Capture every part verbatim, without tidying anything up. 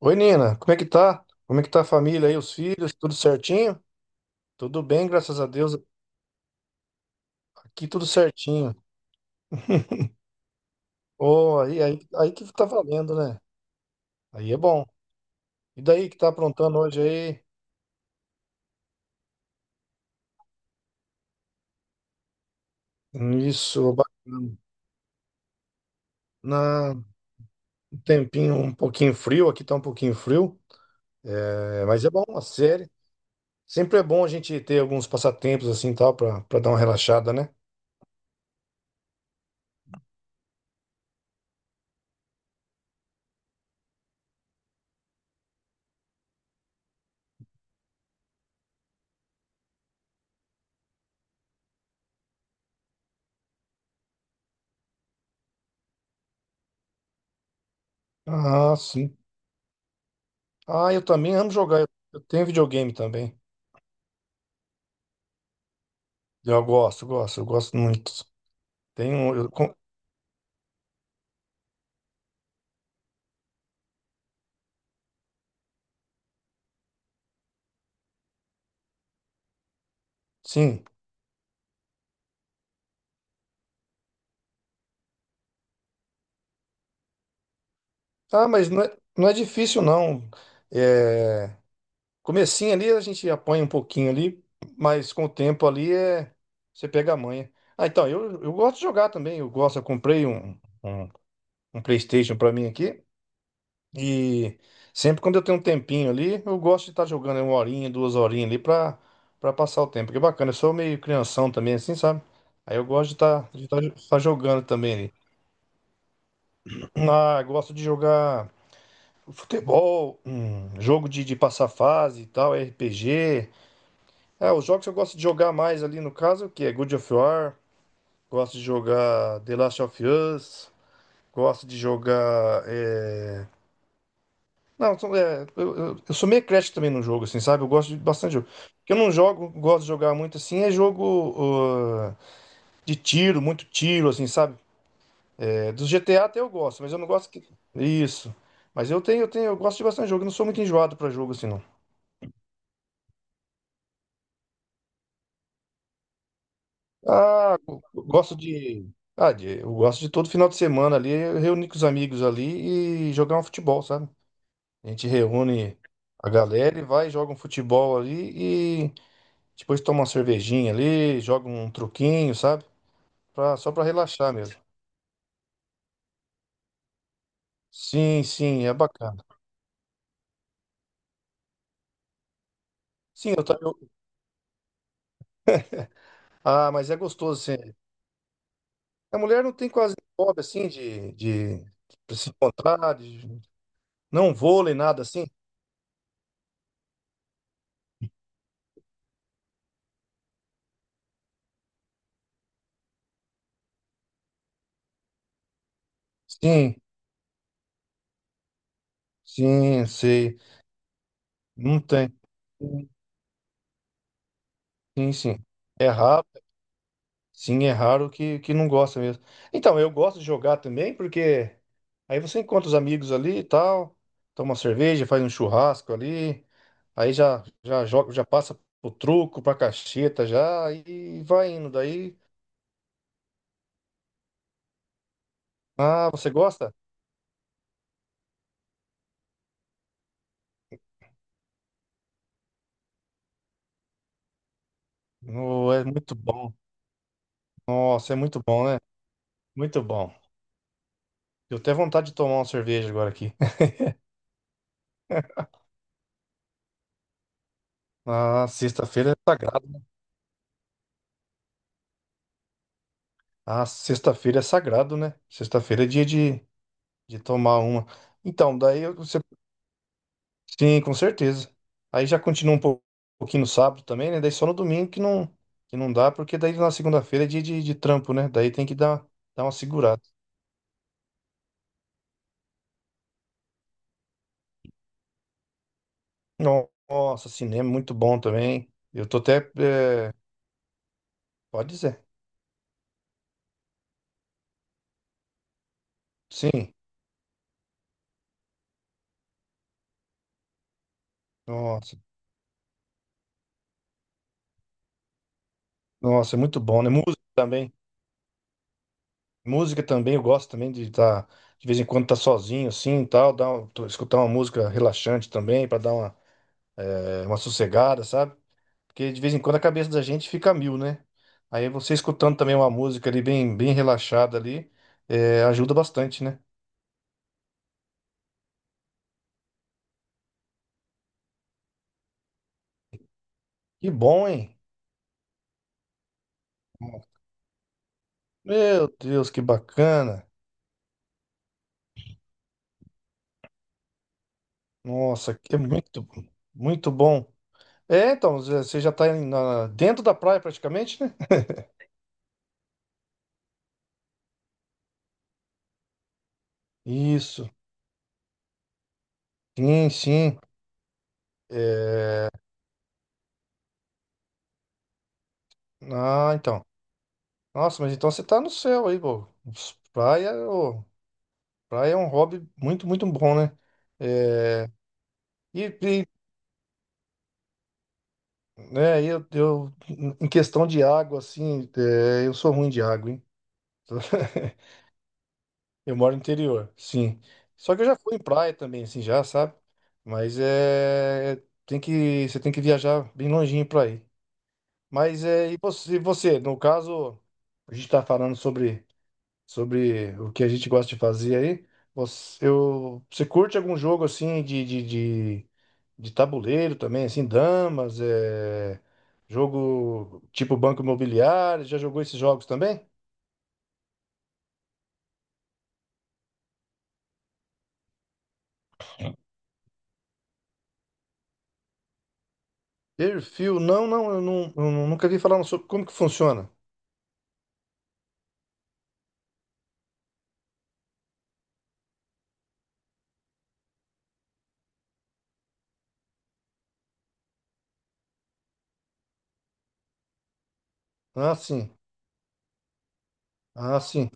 Oi, Nina, como é que tá? Como é que tá a família aí, os filhos, tudo certinho? Tudo bem, graças a Deus, aqui tudo certinho. Oh, aí, aí, aí que tá valendo, né? Aí é bom. E daí que tá aprontando hoje aí? Isso, bacana. Na, um tempinho um pouquinho frio, aqui tá um pouquinho frio, é, mas é bom, a série. Sempre é bom a gente ter alguns passatempos assim, tal, pra, pra dar uma relaxada, né? Ah, sim. Ah, eu também amo jogar, eu eu tenho videogame também. Eu gosto, gosto, eu gosto muito. Tem um. Eu con- sim. Ah, mas não é, não é difícil, não. É, comecinho ali a gente apanha um pouquinho ali, mas com o tempo ali é. Você pega a manha. Ah, então, eu, eu gosto de jogar também. Eu gosto, eu comprei um, um, um PlayStation pra mim aqui. E sempre quando eu tenho um tempinho ali, eu gosto de estar jogando uma horinha, duas horinhas ali pra, pra passar o tempo. Que é bacana, eu sou meio crianção também, assim, sabe? Aí eu gosto de estar de estar jogando também ali. Ah, gosto de jogar. Futebol, hum, jogo de, de passar fase e tal, R P G. É os jogos que eu gosto de jogar mais ali no caso, que é God of War, gosto de jogar The Last of Us, gosto de jogar. É, não, são- é, eu, eu- eu sou meio crash também no jogo, assim, sabe? Eu gosto de bastante jogo. O que eu não jogo, gosto de jogar muito assim, é jogo ah, de tiro, muito tiro, assim, sabe? É, dos G T A até eu gosto, mas eu não gosto que. Isso. Mas eu tenho, eu tenho, eu gosto de bastante jogo, eu não sou muito enjoado pra jogo assim, não. Ah, eu gosto de. Ah, de- eu gosto de todo final de semana ali, eu reunir com os amigos ali e jogar um futebol, sabe? A gente reúne a galera e vai, joga um futebol ali e depois toma uma cervejinha ali, joga um truquinho, sabe? Pra, só pra relaxar mesmo. Sim, sim, é bacana. Sim, eu também. Ah, mas é gostoso, sim. A mulher não tem quase hobby assim de, de, de se encontrar, de, não vôlei, nada assim. Sim, sim, sei. Não tem. Sim, sim. É raro. Sim, é raro que, que não gosta mesmo. Então, eu gosto de jogar também, porque aí você encontra os amigos ali e tal, toma uma cerveja, faz um churrasco ali, aí já já joga, já passa pro truco, pra cacheta já e vai indo. Daí, ah, você gosta? Oh, é muito bom. Nossa, é muito bom, né? Muito bom. Eu até vontade de tomar uma cerveja agora aqui. Ah, sexta-feira é sagrado. Ah, sexta-feira é sagrado, né? Sexta-feira é dia de. De tomar uma. Então, daí eu- você. Sim, com certeza. Aí já continua um pou- pouquinho no sábado também, né? Daí só no domingo que não, que não dá, porque daí na segunda-feira é dia de, de trampo, né? Daí tem que dar, dar uma segurada. No- Nossa, cinema é muito bom também. Eu tô até. É, pode dizer. Sim. Nossa. Nossa, é muito bom, né? Música também. Música também, eu gosto também de estar. De vez em quando tá sozinho, assim e tal. Dar, um- tô- escutar uma música relaxante também, pra dar uma, é, uma sossegada, sabe? Porque de vez em quando a cabeça da gente fica a mil, né? Aí você escutando também uma música ali bem, bem relaxada ali, é, ajuda bastante, né? Que bom, hein? Meu Deus, que bacana! Nossa, que é muito, muito bom. É, então, você já tá em- na- dentro da praia praticamente, né? Isso. Sim, sim. É, ah, então. Nossa, mas então você tá no céu aí, pô. Praia, ô, praia é um hobby muito, muito bom, né? É, e, é, eu, eu, em questão de água, assim, é, eu sou ruim de água, hein? Eu moro no interior, sim. Só que eu já fui em praia também, assim, já, sabe? Mas é, é, tem que, você tem que viajar bem longinho pra ir. Mas é, e você, e você, no caso, a gente tá falando sobre, sobre o que a gente gosta de fazer aí. Você, eu, você curte algum jogo, assim, de, de, de de tabuleiro também, assim, damas, é, jogo tipo Banco Imobiliário, já jogou esses jogos também? Perfil, não, não, eu, não, eu nunca vi falar sobre como que funciona. Ah, sim, ah, sim,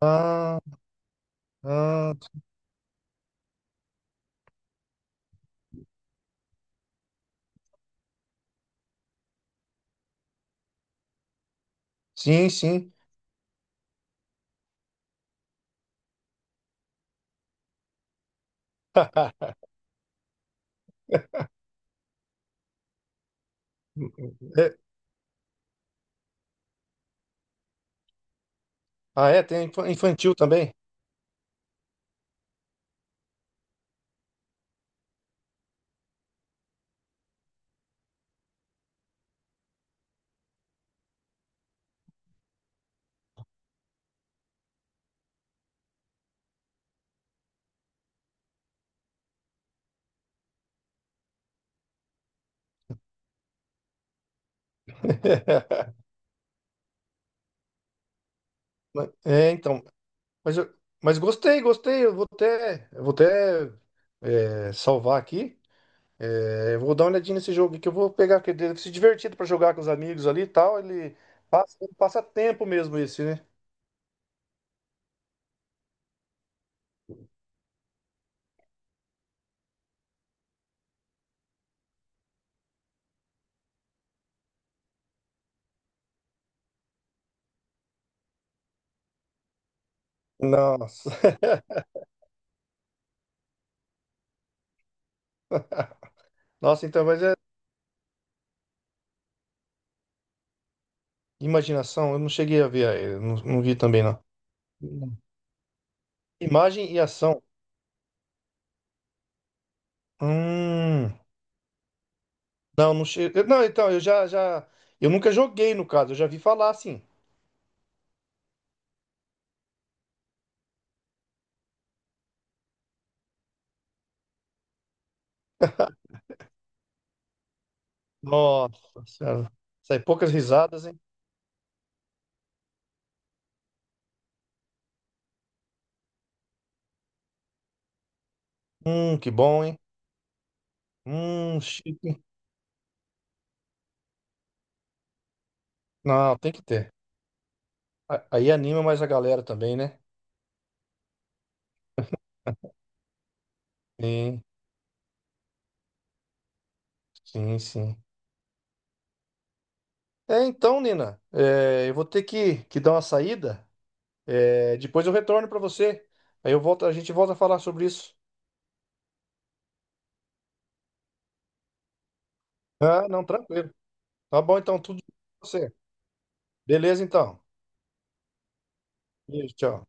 ah, ah, sim, sim. É, ah, é, tem infa- infantil também. Mas- É, então, mas, eu- mas gostei, gostei, eu vou até, eu vou até é, salvar aqui. É, eu vou dar uma olhadinha nesse jogo aqui, que eu vou pegar, que deve ser divertido pra jogar com os amigos ali e tal. Ele passa, passa tempo mesmo esse, né? Nossa. Nossa, então, mas é imaginação. Eu não cheguei a ver, eh, não, não vi também, não. Hum. Imagem e ação. Hum. Não, não cheguei. Não, então, eu já, já. Eu nunca joguei, no caso, eu já vi falar assim. Nossa senhora. Sai poucas risadas, hein? Hum, que bom, hein? Hum, chique. Não, tem que ter. A- Aí anima mais a galera também, né? Sim. Sim, sim. É, então, Nina, é, eu vou ter que, que dar uma saída. É, depois eu retorno para você. Aí eu volto, a gente volta a falar sobre isso. Ah, não, tranquilo. Tá bom, então, tudo de bom pra você. Beleza, então. Beijo, tchau.